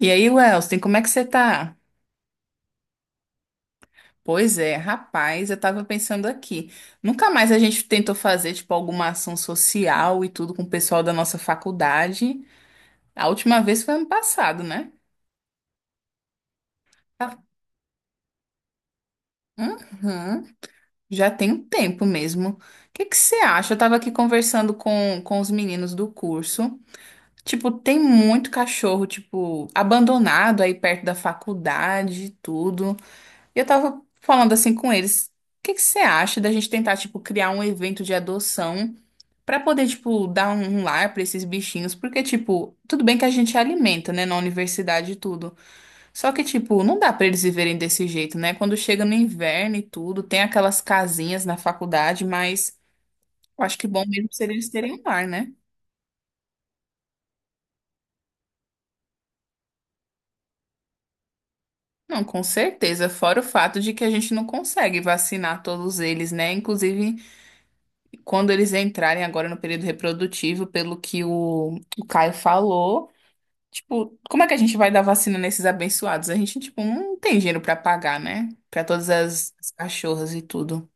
E aí, Welston, como é que você tá? Pois é, rapaz, eu tava pensando aqui. Nunca mais a gente tentou fazer, tipo, alguma ação social e tudo com o pessoal da nossa faculdade. A última vez foi ano passado, né? Tá. Uhum. Já tem um tempo mesmo. O que que você acha? Eu tava aqui conversando com os meninos do curso. Tipo, tem muito cachorro, tipo, abandonado aí perto da faculdade e tudo. E eu tava falando assim com eles. O que que você acha da gente tentar, tipo, criar um evento de adoção pra poder, tipo, dar um lar pra esses bichinhos? Porque, tipo, tudo bem que a gente alimenta, né, na universidade e tudo. Só que, tipo, não dá pra eles viverem desse jeito, né? Quando chega no inverno e tudo, tem aquelas casinhas na faculdade, mas eu acho que bom mesmo seria eles terem um lar, né? Não, com certeza. Fora o fato de que a gente não consegue vacinar todos eles, né? Inclusive. Quando eles entrarem agora no período reprodutivo, pelo que o Caio falou, tipo, como é que a gente vai dar vacina nesses abençoados? A gente, tipo, não tem dinheiro pra pagar, né? Pra todas as cachorras e tudo.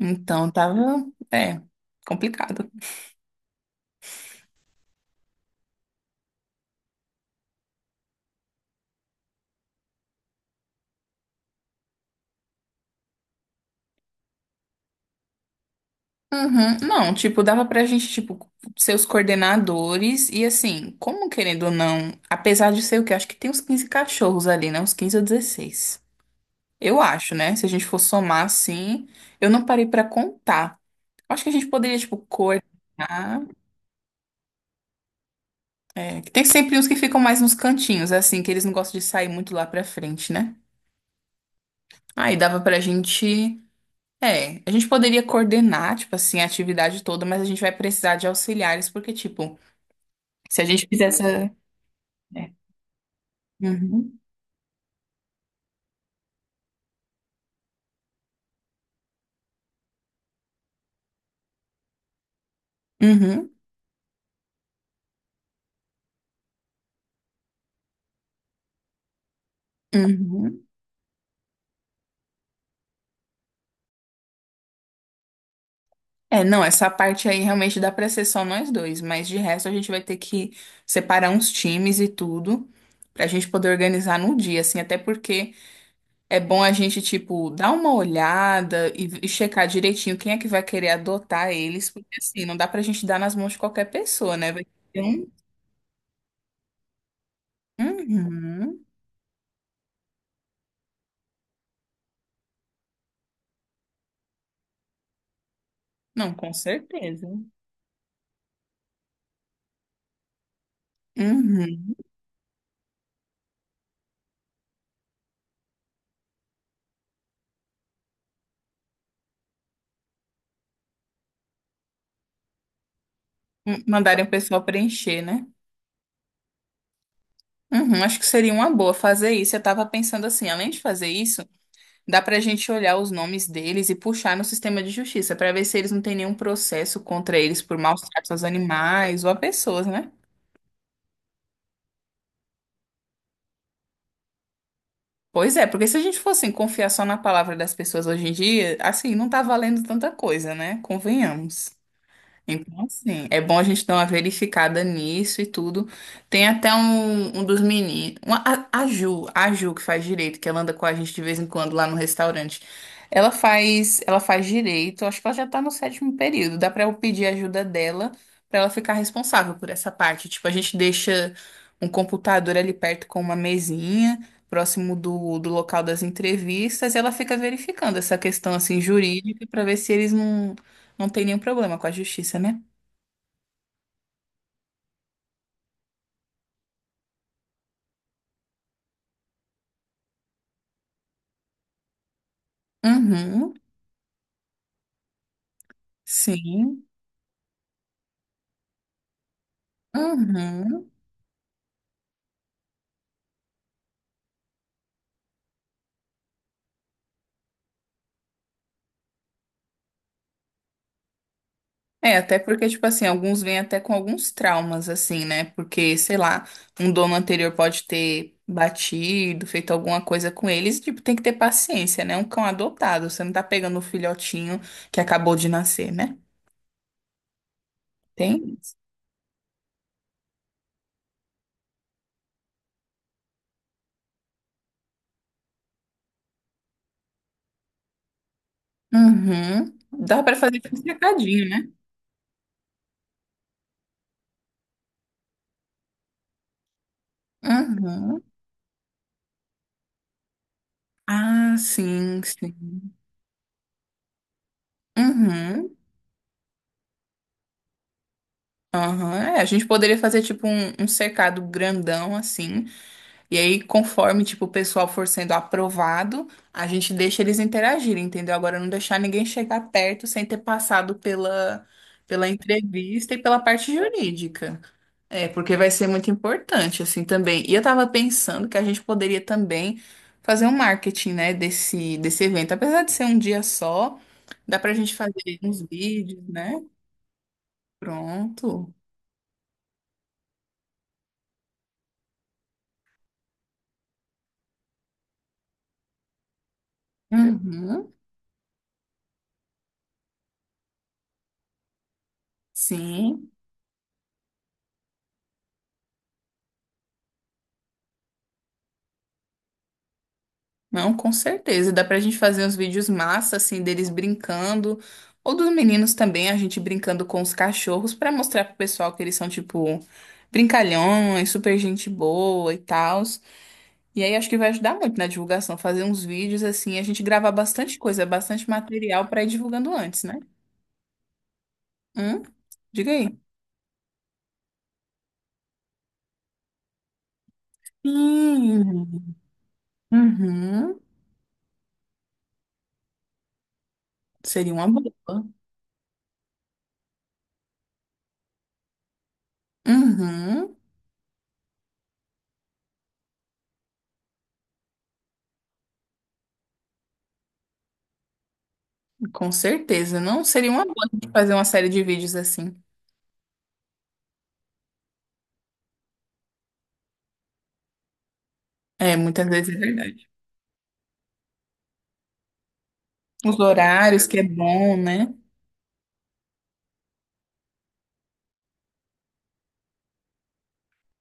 Então, tava, é, complicado. Uhum. Não, tipo, dava pra gente, tipo, ser os coordenadores e assim, como querendo ou não, apesar de ser o que acho que tem uns 15 cachorros ali, né? Uns 15 ou 16. Eu acho, né? Se a gente for somar assim, eu não parei pra contar. Acho que a gente poderia, tipo, coordenar. É, que tem sempre uns que ficam mais nos cantinhos, é assim, que eles não gostam de sair muito lá pra frente, né? Aí dava pra gente. É, a gente poderia coordenar, tipo assim, a atividade toda, mas a gente vai precisar de auxiliares, porque, tipo, se a gente fizesse. É. Uhum, uhum, uhum. É, não, essa parte aí realmente dá pra ser só nós dois, mas de resto a gente vai ter que separar uns times e tudo, pra gente poder organizar no dia, assim, até porque. É bom a gente, tipo, dar uma olhada e checar direitinho quem é que vai querer adotar eles, porque assim, não dá pra gente dar nas mãos de qualquer pessoa, né? Vai ter um. Uhum. Não, com certeza. Uhum. Mandarem o pessoal preencher, né? Uhum, acho que seria uma boa fazer isso. Eu tava pensando assim, além de fazer isso, dá pra gente olhar os nomes deles e puxar no sistema de justiça pra ver se eles não têm nenhum processo contra eles por maus tratos aos animais ou a pessoas, né? Pois é, porque se a gente fosse assim, confiar só na palavra das pessoas hoje em dia, assim, não tá valendo tanta coisa, né? Convenhamos. Então, assim, é bom a gente dar uma verificada nisso e tudo. Tem até um, um dos meninos, uma- a Ju, a Ju que faz direito, que ela anda com a gente de vez em quando lá no restaurante. Ela faz direito, acho que ela já tá no sétimo período. Dá pra eu pedir a ajuda dela pra ela ficar responsável por essa parte. Tipo, a gente deixa um computador ali perto com uma mesinha, próximo do local das entrevistas, e ela fica verificando essa questão assim jurídica pra ver se eles não tem nenhum problema com a justiça, né? Uhum, sim. Uhum. É, até porque, tipo assim, alguns vêm até com alguns traumas, assim, né? Porque, sei lá, um dono anterior pode ter batido, feito alguma coisa com eles, e, tipo, tem que ter paciência, né? Um cão adotado, você não tá pegando o filhotinho que acabou de nascer, né? Tem isso. Uhum. Dá pra fazer tipo um cercadinho, né? Uhum. Ah, sim, sim. Uhum. Aham, é, a gente poderia fazer tipo um, um cercado grandão assim, e aí conforme tipo o pessoal for sendo aprovado, a gente deixa eles interagirem, entendeu? Agora não deixar ninguém chegar perto sem ter passado pela pela entrevista e pela parte jurídica. É, porque vai ser muito importante assim também. E eu tava pensando que a gente poderia também fazer um marketing, né, desse desse evento, apesar de ser um dia só, dá pra gente fazer uns vídeos, né? Pronto. Uhum. Sim, não, com certeza. Dá pra gente fazer uns vídeos massa, assim, deles brincando, ou dos meninos também, a gente brincando com os cachorros, pra mostrar pro pessoal que eles são, tipo, brincalhões, super gente boa e tal. E aí acho que vai ajudar muito na divulgação, fazer uns vídeos, assim, a gente gravar bastante coisa, bastante material pra ir divulgando antes, né? Hum? Diga aí. Sim. Uhum. Seria uma boa. Uhum. Com certeza. Não seria uma boa a gente fazer uma série de vídeos assim. É, muitas vezes é verdade. Os horários que é bom, né?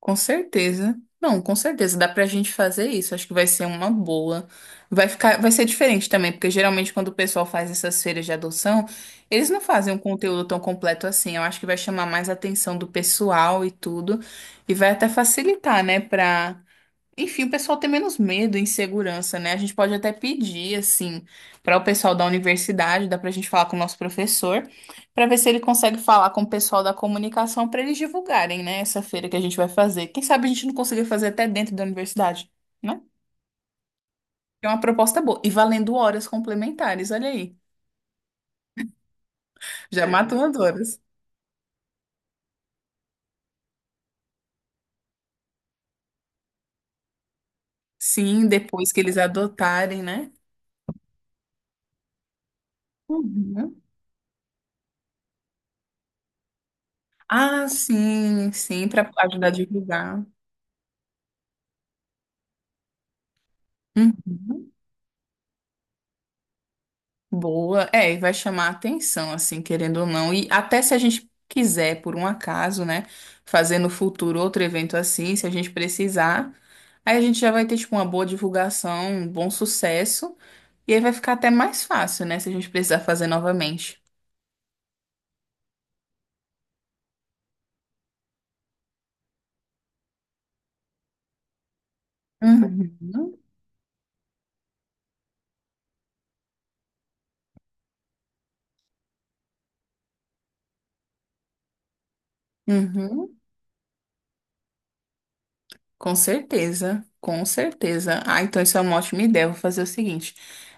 Com certeza. Não, com certeza dá pra gente fazer isso. Acho que vai ser uma boa. Vai ficar, vai ser diferente também, porque geralmente quando o pessoal faz essas feiras de adoção, eles não fazem um conteúdo tão completo assim. Eu acho que vai chamar mais a atenção do pessoal e tudo, e vai até facilitar, né. Pra enfim, o pessoal tem menos medo e insegurança, né? A gente pode até pedir, assim, para o pessoal da universidade, dá para a gente falar com o nosso professor, para ver se ele consegue falar com o pessoal da comunicação para eles divulgarem, né, essa feira que a gente vai fazer. Quem sabe a gente não consiga fazer até dentro da universidade, né? É uma proposta boa. E valendo horas complementares, olha aí. Já é. Matou as horas. Sim, depois que eles adotarem, né? Uhum. Ah, sim, sim, para ajudar a divulgar. Uhum. Boa, é, e vai chamar a atenção, assim, querendo ou não. E até se a gente quiser, por um acaso, né, fazer no futuro outro evento assim, se a gente precisar, aí a gente já vai ter, tipo, uma boa divulgação, um bom sucesso, e aí vai ficar até mais fácil, né, se a gente precisar fazer novamente. Uhum. Uhum. Com certeza, com certeza. Ah, então isso é uma ótima ideia. Eu vou fazer o seguinte: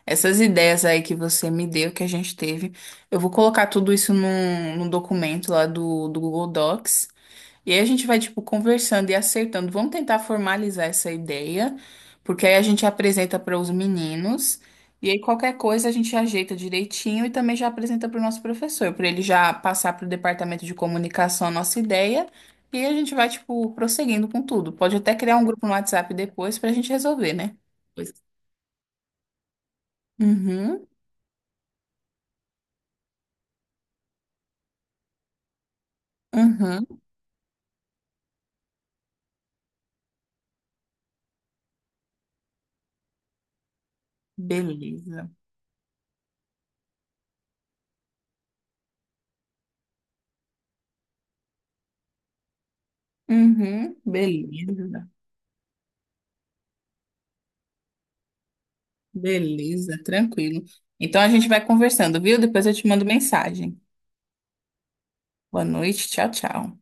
essas ideias aí que você me deu, que a gente teve, eu vou colocar tudo isso num, num documento lá do Google Docs. E aí a gente vai, tipo, conversando e acertando. Vamos tentar formalizar essa ideia, porque aí a gente apresenta para os meninos. E aí qualquer coisa a gente ajeita direitinho e também já apresenta para o nosso professor, para ele já passar para o departamento de comunicação a nossa ideia. E aí a gente vai, tipo, prosseguindo com tudo. Pode até criar um grupo no WhatsApp depois para a gente resolver, né? Pois. Uhum, uhum, beleza. Uhum, beleza. Beleza, tranquilo. Então a gente vai conversando, viu? Depois eu te mando mensagem. Boa noite, tchau, tchau.